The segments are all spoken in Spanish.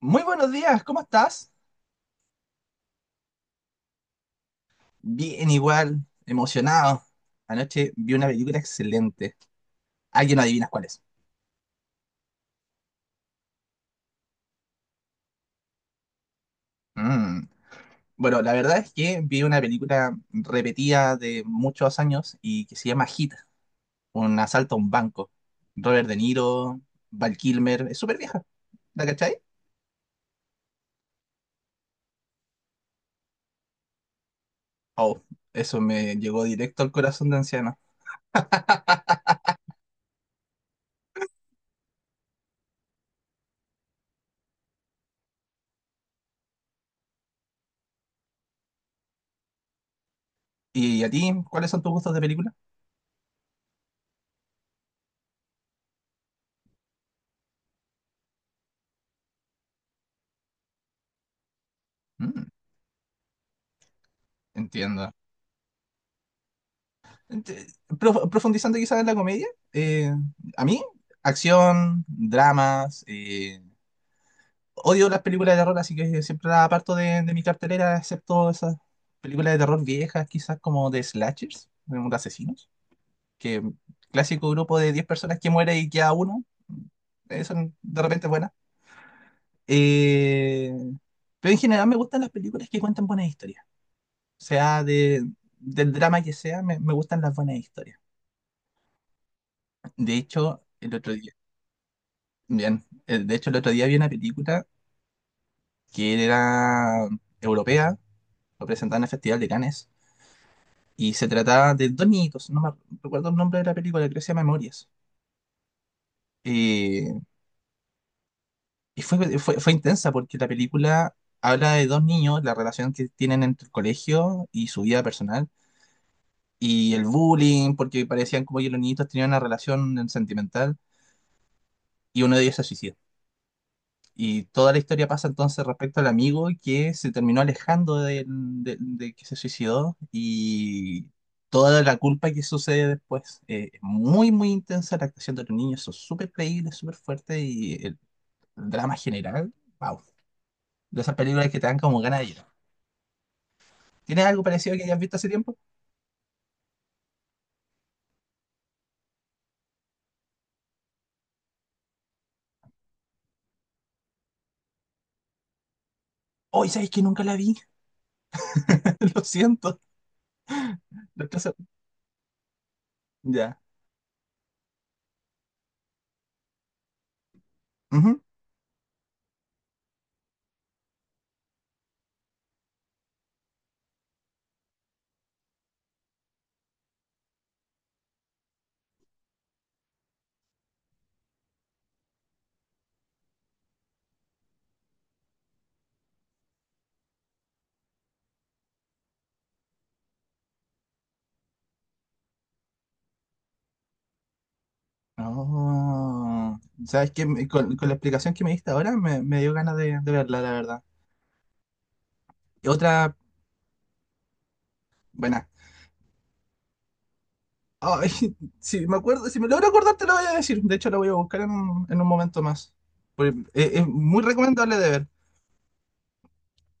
Muy buenos días, ¿cómo estás? Bien, igual, emocionado. Anoche vi una película excelente. Alguien no adivinas cuál es. Mm. Bueno, la verdad es que vi una película repetida de muchos años y que se llama Hit, un asalto a un banco. Robert De Niro, Val Kilmer, es súper vieja, ¿la cachai? Oh, eso me llegó directo al corazón de anciano. ¿Y a ti, cuáles son tus gustos de película? Mm, Entiendo. Ent- Profundizando quizás en la comedia, eh, a mí, acción, dramas, odio las películas de terror, así que siempre las aparto de mi cartelera, excepto esas películas de terror viejas, quizás como de slashers, de unos asesinos, que clásico grupo de 10 personas que muere y queda uno, son de repente buenas. Eh, pero en general me gustan las películas que cuentan buenas historias, o sea, del drama que sea, me gustan las buenas historias. De hecho, el otro día. Bien. De hecho el otro día vi una película que era europea, lo presentaban en el Festival de Cannes, y se trataba de dos niñitos, no me recuerdo el nombre de la película, creo que se llama Memorias. Eh, y fue intensa porque la película habla de dos niños, la relación que tienen entre el colegio y su vida personal, y el bullying, porque parecían como que los niñitos tenían una relación sentimental, y uno de ellos se suicida. Y toda la historia pasa entonces respecto al amigo que se terminó alejando de que se suicidó y toda la culpa que sucede después. Es muy, muy intensa la actuación de los niños, son súper creíbles, súper fuertes y el drama general, wow. De esas películas que te dan como ganas de llorar. ¿Tienes algo parecido que hayas visto hace tiempo? Hoy, ¿sabes que nunca la vi? Lo siento. Lo que hace- Ya. Ujú. Oh, ¿sabes qué? Con la explicación que me diste ahora me dio ganas de verla, la verdad. Y otra, buena. Ay, si me acuerdo, si me logro acordar te lo voy a decir. De hecho, la voy a buscar en un momento más. Porque, es muy recomendable de ver.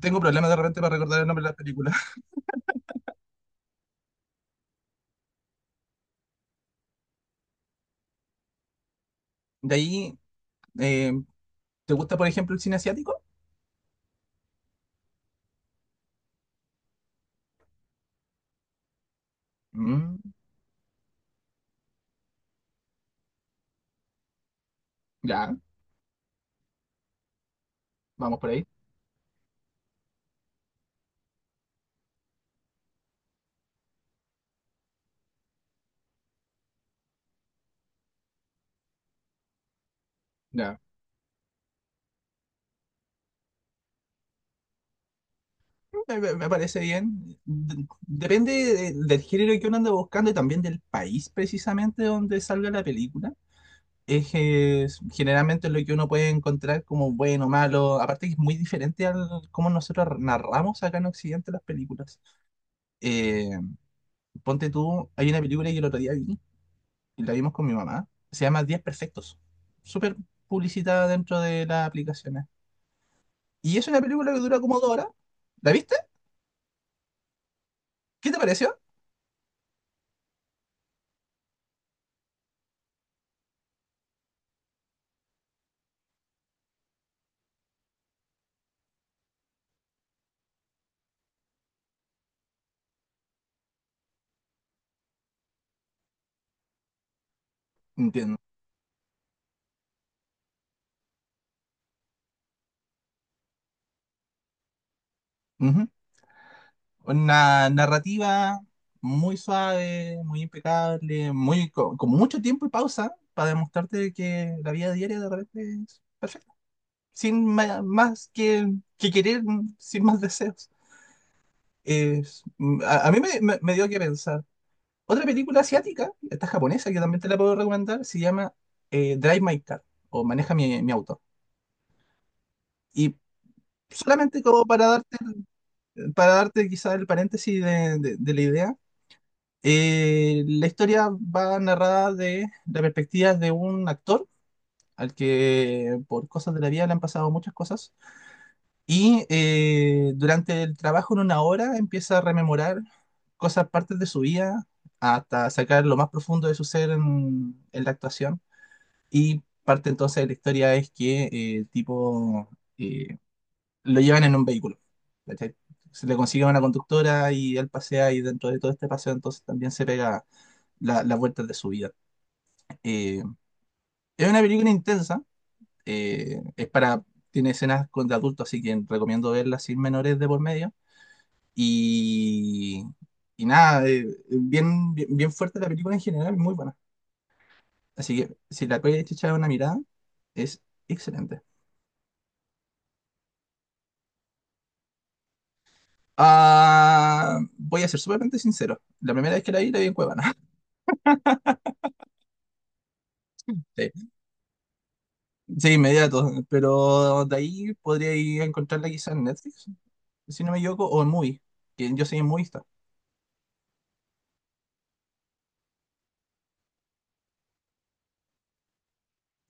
Tengo problemas de repente para recordar el nombre de las películas. De ahí, eh, ¿te gusta, por ejemplo, el cine asiático? Mm, ya, vamos por ahí. Ya. Me parece bien. Depende del género que uno ande buscando y también del país precisamente donde salga la película. Es, generalmente lo que uno puede encontrar como bueno, malo. Aparte que es muy diferente al cómo nosotros narramos acá en Occidente las películas. Eh, ponte tú, hay una película que el otro día vi, y la vimos con mi mamá, se llama 10 Perfectos. Súper publicitada dentro de las aplicaciones. Y es una película que dura como 2 horas. ¿La viste? ¿Qué te pareció? Entiendo. Una narrativa muy suave, muy impecable, muy con mucho tiempo y pausa para demostrarte que la vida diaria de repente es perfecta, sin más que, querer, sin más deseos. Es- a mí me dio que pensar. Otra película asiática, esta japonesa, que también te la puedo recomendar, se llama Drive My Car o Maneja mi auto. Y solamente como para darte quizá el paréntesis de la idea. La historia va narrada de la perspectiva de un actor al que por cosas de la vida le han pasado muchas cosas y durante el trabajo en una hora empieza a rememorar cosas, partes de su vida hasta sacar lo más profundo de su ser en la actuación y parte entonces de la historia es que el tipo eh, lo llevan en un vehículo. ¿Cachai? Se le consigue una conductora y él pasea y dentro de todo este paseo entonces también se pega las vueltas de su vida. Eh, es una película intensa, es para, tiene escenas con de adultos, así que recomiendo verla sin menores de por medio. Y, y nada, bien, bien, bien fuerte la película en general, muy buena. Así que si la puedes echar una mirada, es excelente. Ah, voy a ser sumamente sincero. La primera vez que la vi en Cuevana. Sí, sí, inmediato. Pero de ahí podría ir a encontrarla quizás en Netflix, si no me equivoco, o en Mubi, que yo soy en Mubi.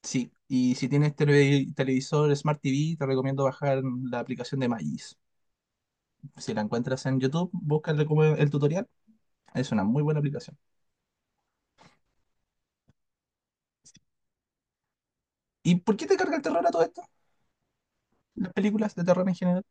Sí, y si tienes televisor Smart TV, te recomiendo bajar la aplicación de Magis. Si la encuentras en YouTube, búscale como el tutorial. Es una muy buena aplicación. ¿Y por qué te carga el terror a todo esto? Las películas de terror en general.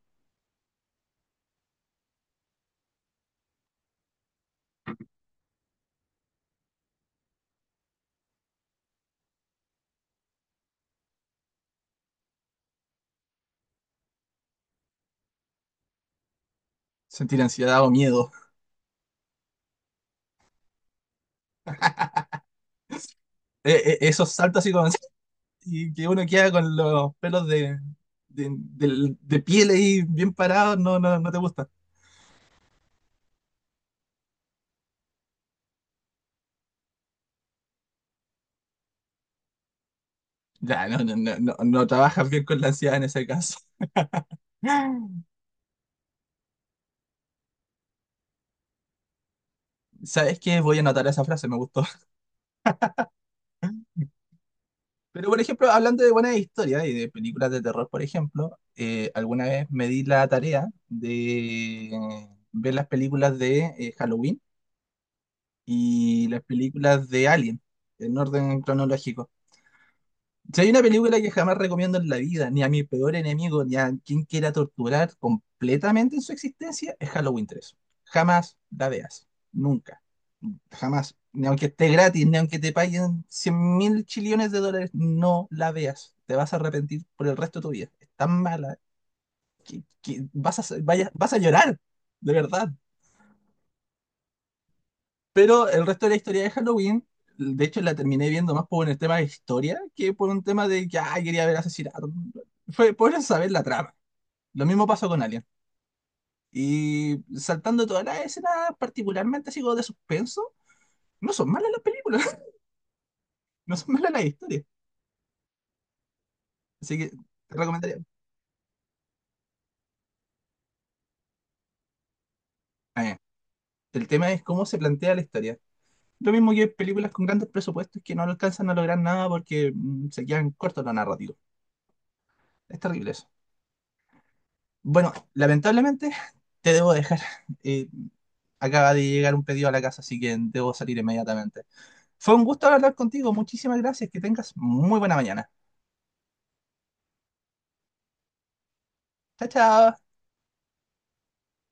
Sentir ansiedad o miedo. Esos saltos así como así. Y que uno queda con los pelos de piel ahí bien parados, no, no, no te gusta. Ya, no, no, no, no, no trabajas bien con la ansiedad en ese caso. ¿Sabes qué? Voy a anotar esa frase, me gustó. Pero, por ejemplo, hablando de buenas historias y de películas de terror, por ejemplo, alguna vez me di la tarea de ver las películas de Halloween y las películas de Alien, en orden cronológico. Si hay una película que jamás recomiendo en la vida, ni a mi peor enemigo, ni a quien quiera torturar completamente en su existencia, es Halloween 3. Jamás la veas. Nunca. Jamás. Ni aunque esté gratis, ni aunque te paguen 100.000 chillones de dólares, no la veas. Te vas a arrepentir por el resto de tu vida. Es tan mala que vas a, vas a llorar. De verdad. Pero el resto de la historia de Halloween, de hecho la terminé viendo más por un tema de historia que por un tema de que "Ay, quería ver asesinato". Fue por saber la trama. Lo mismo pasó con Alien. Y saltando todas las escenas, particularmente así como de suspenso, no son malas las películas, no son malas las historias. Así que te recomendaría. Ah, ya. El tema es cómo se plantea la historia. Lo mismo que películas con grandes presupuestos que no alcanzan a lograr nada porque se quedan cortos los narrativos. Es terrible eso. Bueno, lamentablemente te debo dejar. Eh, Acaba de llegar un pedido a la casa, así que debo salir inmediatamente. Fue un gusto hablar contigo. Muchísimas gracias. Que tengas muy buena mañana. Chao, chao.